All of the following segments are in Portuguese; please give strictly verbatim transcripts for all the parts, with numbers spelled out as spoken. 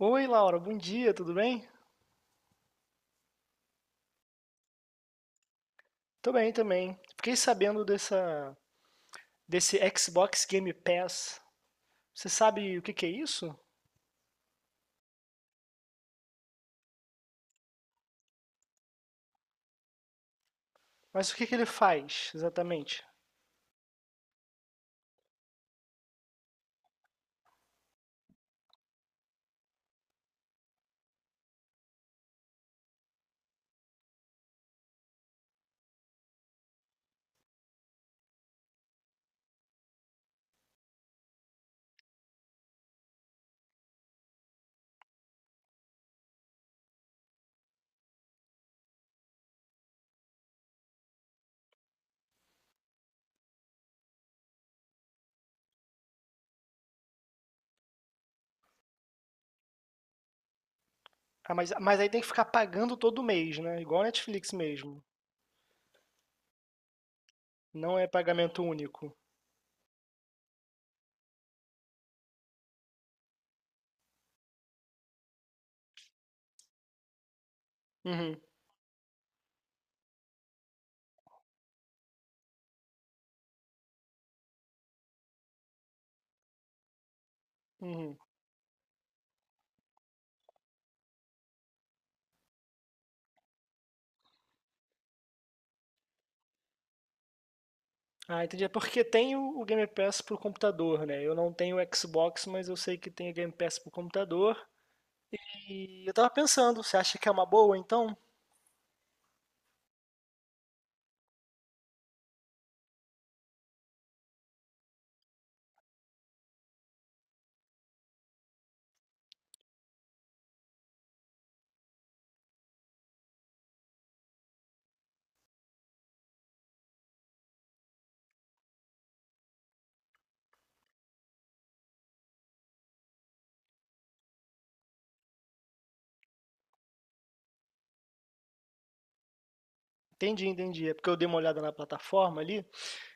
Oi, Laura, bom dia, tudo bem? Tô bem também. Fiquei sabendo dessa, desse Xbox Game Pass. Você sabe o que que é isso? Mas o que que ele faz exatamente? Ah, mas, mas aí tem que ficar pagando todo mês, né? Igual a Netflix mesmo. Não é pagamento único. Uhum, uhum. Ah, entendi. É porque tem o, o Game Pass pro computador, né? Eu não tenho Xbox, mas eu sei que tem o Game Pass pro computador. E eu tava pensando, você acha que é uma boa então? Entendi, entendi. É porque eu dei uma olhada na plataforma ali.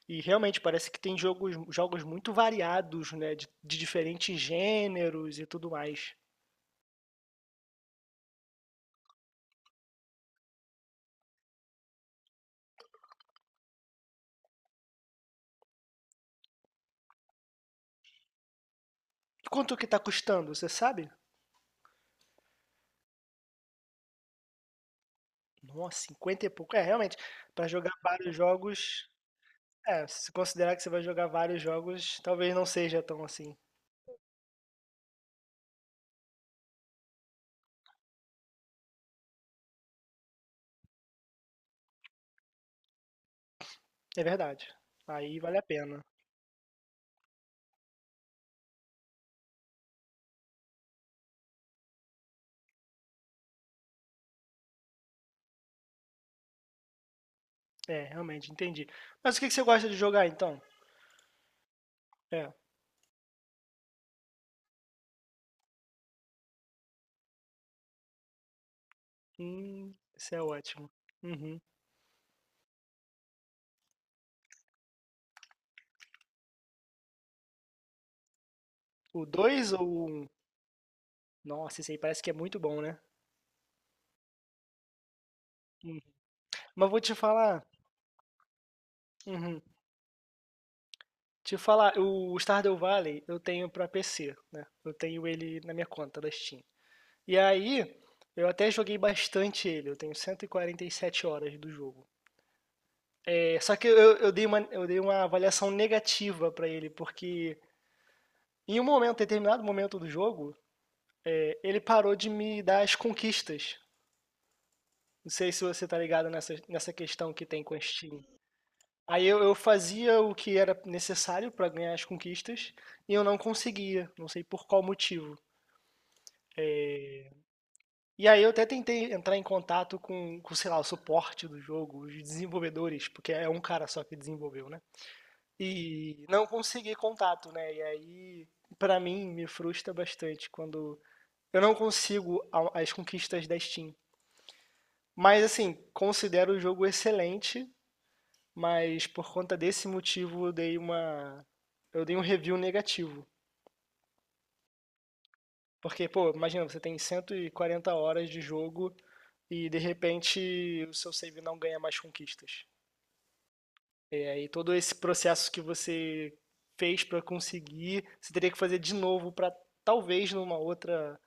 E realmente parece que tem jogos, jogos muito variados, né? De, de diferentes gêneros e tudo mais. Quanto que tá custando, você sabe? Nossa, cinquenta e pouco. É, realmente, para jogar vários jogos, é, se considerar que você vai jogar vários jogos, talvez não seja tão assim. É verdade. Aí vale a pena. É, realmente, entendi. Mas o que que você gosta de jogar então? É. Hum, isso é ótimo. Uhum. O dois ou o um? Nossa, esse aí parece que é muito bom, né? Hum. Mas vou te falar. Uhum. Te falar, o Stardew Valley eu tenho pra P C, né? Eu tenho ele na minha conta da Steam. E aí, eu até joguei bastante ele, eu tenho cento e e quarenta e sete horas do jogo. É, só que eu, eu dei uma, eu dei uma avaliação negativa pra ele, porque em um momento, determinado momento do jogo, é, ele parou de me dar as conquistas. Não sei se você tá ligado nessa, nessa questão que tem com a Steam. Aí eu, eu fazia o que era necessário pra ganhar as conquistas e eu não conseguia, não sei por qual motivo. E aí eu até tentei entrar em contato com, com, sei lá, o suporte do jogo, os desenvolvedores, porque é um cara só que desenvolveu, né? E não consegui contato, né? E aí, pra mim, me frustra bastante quando eu não consigo a- as conquistas da Steam. Mas assim, considero o jogo excelente, mas por conta desse motivo eu dei uma eu dei um review negativo. Porque, pô, imagina, você tem cento e quarenta horas de jogo e de repente o seu save não ganha mais conquistas. É, E todo esse processo que você fez para conseguir, você teria que fazer de novo para talvez numa outra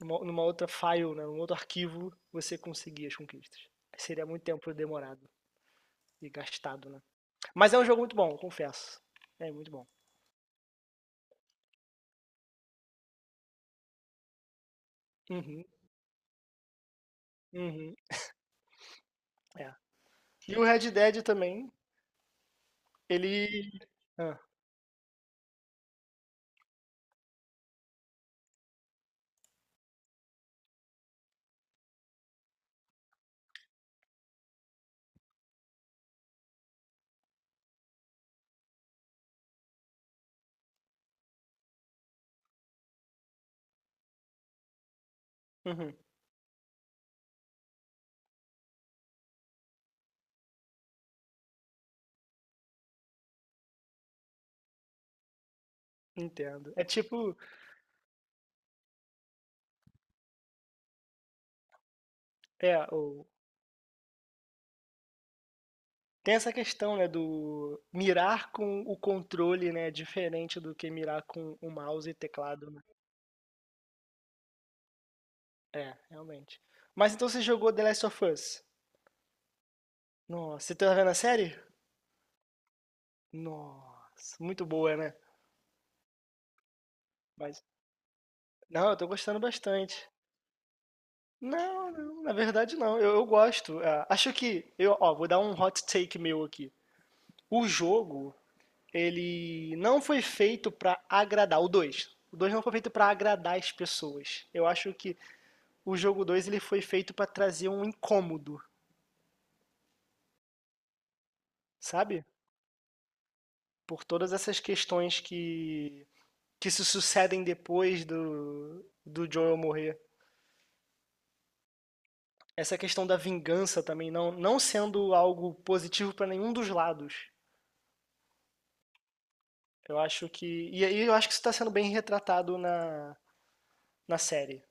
numa, numa outra file, né, num outro arquivo, você conseguir as conquistas. Seria muito tempo demorado e gastado, né? Mas é um jogo muito bom, confesso. É muito bom. Uhum, uhum, é. E o Red Dead também, ele. Ah, uhum, entendo. É tipo, é, o Tem essa questão, né, do mirar com o controle, né, diferente do que mirar com o mouse e teclado, né? É, realmente. Mas então você jogou The Last of Us? Nossa, você tá vendo a série? Nossa, muito boa, né? Mas, não, eu tô gostando bastante. Não, não, na verdade não, eu, eu gosto. Ah, acho que, eu, ó, vou dar um hot take meu aqui. O jogo, ele não foi feito pra agradar, o dois O dois não foi feito pra agradar as pessoas. Eu acho que o jogo dois ele foi feito para trazer um incômodo, sabe? Por todas essas questões que, que se sucedem depois do, do Joel morrer. Essa questão da vingança também não, não sendo algo positivo para nenhum dos lados. Eu acho que. E aí eu acho que isso está sendo bem retratado na, na série.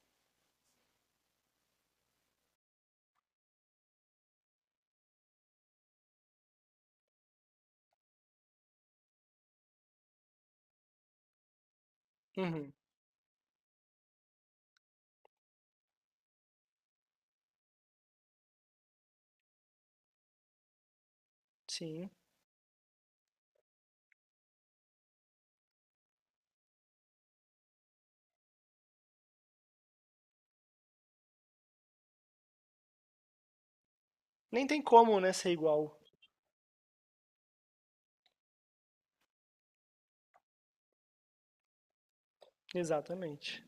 Uhum, sim. Nem tem como, né, ser igual. Exatamente.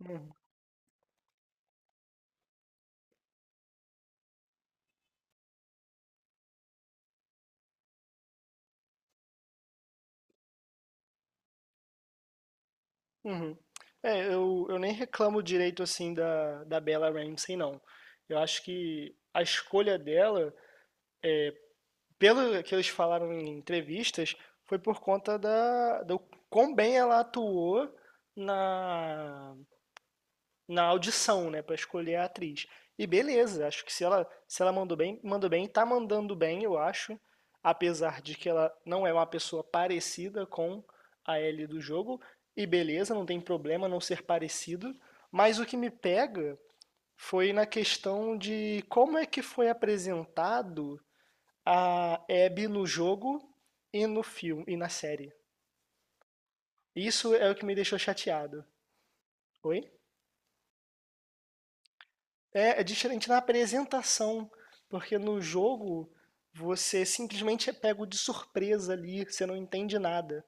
Uhum. Uhum. É, eu, eu nem reclamo direito assim da, da Bella Ramsey, não. Eu acho que a escolha dela, pelo que eles falaram em entrevistas, foi por conta da, do quão bem ela atuou na, na audição, né, para escolher a atriz. E beleza, acho que se ela se ela mandou bem, mandou bem, tá mandando bem, eu acho, apesar de que ela não é uma pessoa parecida com a Ellie do jogo, e beleza, não tem problema não ser parecido, mas o que me pega foi na questão de como é que foi apresentado a Abby no jogo e no filme e na série. Isso é o que me deixou chateado. Oi? É, é diferente na apresentação, porque no jogo você simplesmente é pego de surpresa ali, você não entende nada.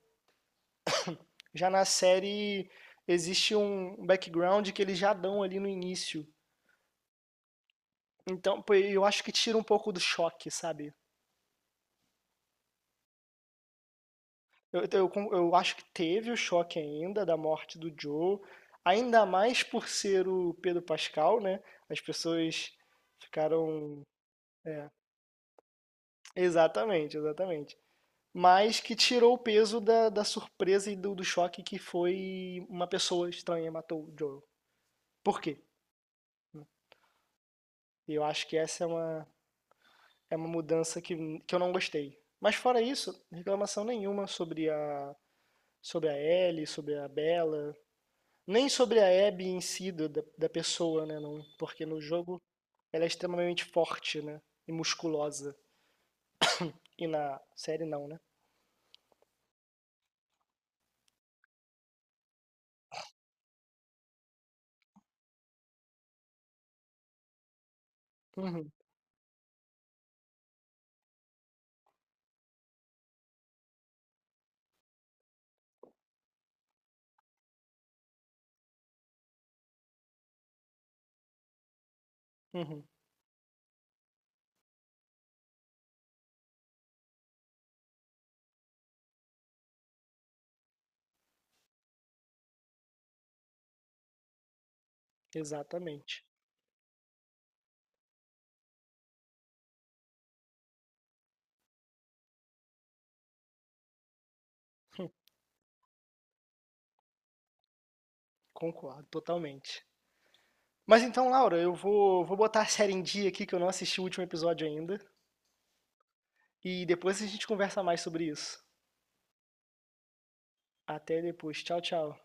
Já na série existe um background que eles já dão ali no início. Então, pô, eu acho que tira um pouco do choque, sabe? Eu, eu, eu acho que teve o choque ainda da morte do Joe, ainda mais por ser o Pedro Pascal, né? As pessoas ficaram. É, exatamente, exatamente. Mas que tirou o peso da, da surpresa e do, do choque que foi uma pessoa estranha matou o Joel. Por quê? Eu acho que essa é uma, é uma mudança que, que eu não gostei. Mas fora isso, reclamação nenhuma sobre a, sobre a Ellie, sobre a Bella, nem sobre a Abby em si, do- da, da pessoa, né? Não, porque no jogo ela é extremamente forte, né? E musculosa. E na série não, né? Uhum, uhum, exatamente. Concordo totalmente. Mas então, Laura, eu vou, vou botar a série em dia aqui, que eu não assisti o último episódio ainda. E depois a gente conversa mais sobre isso. Até depois. Tchau, tchau.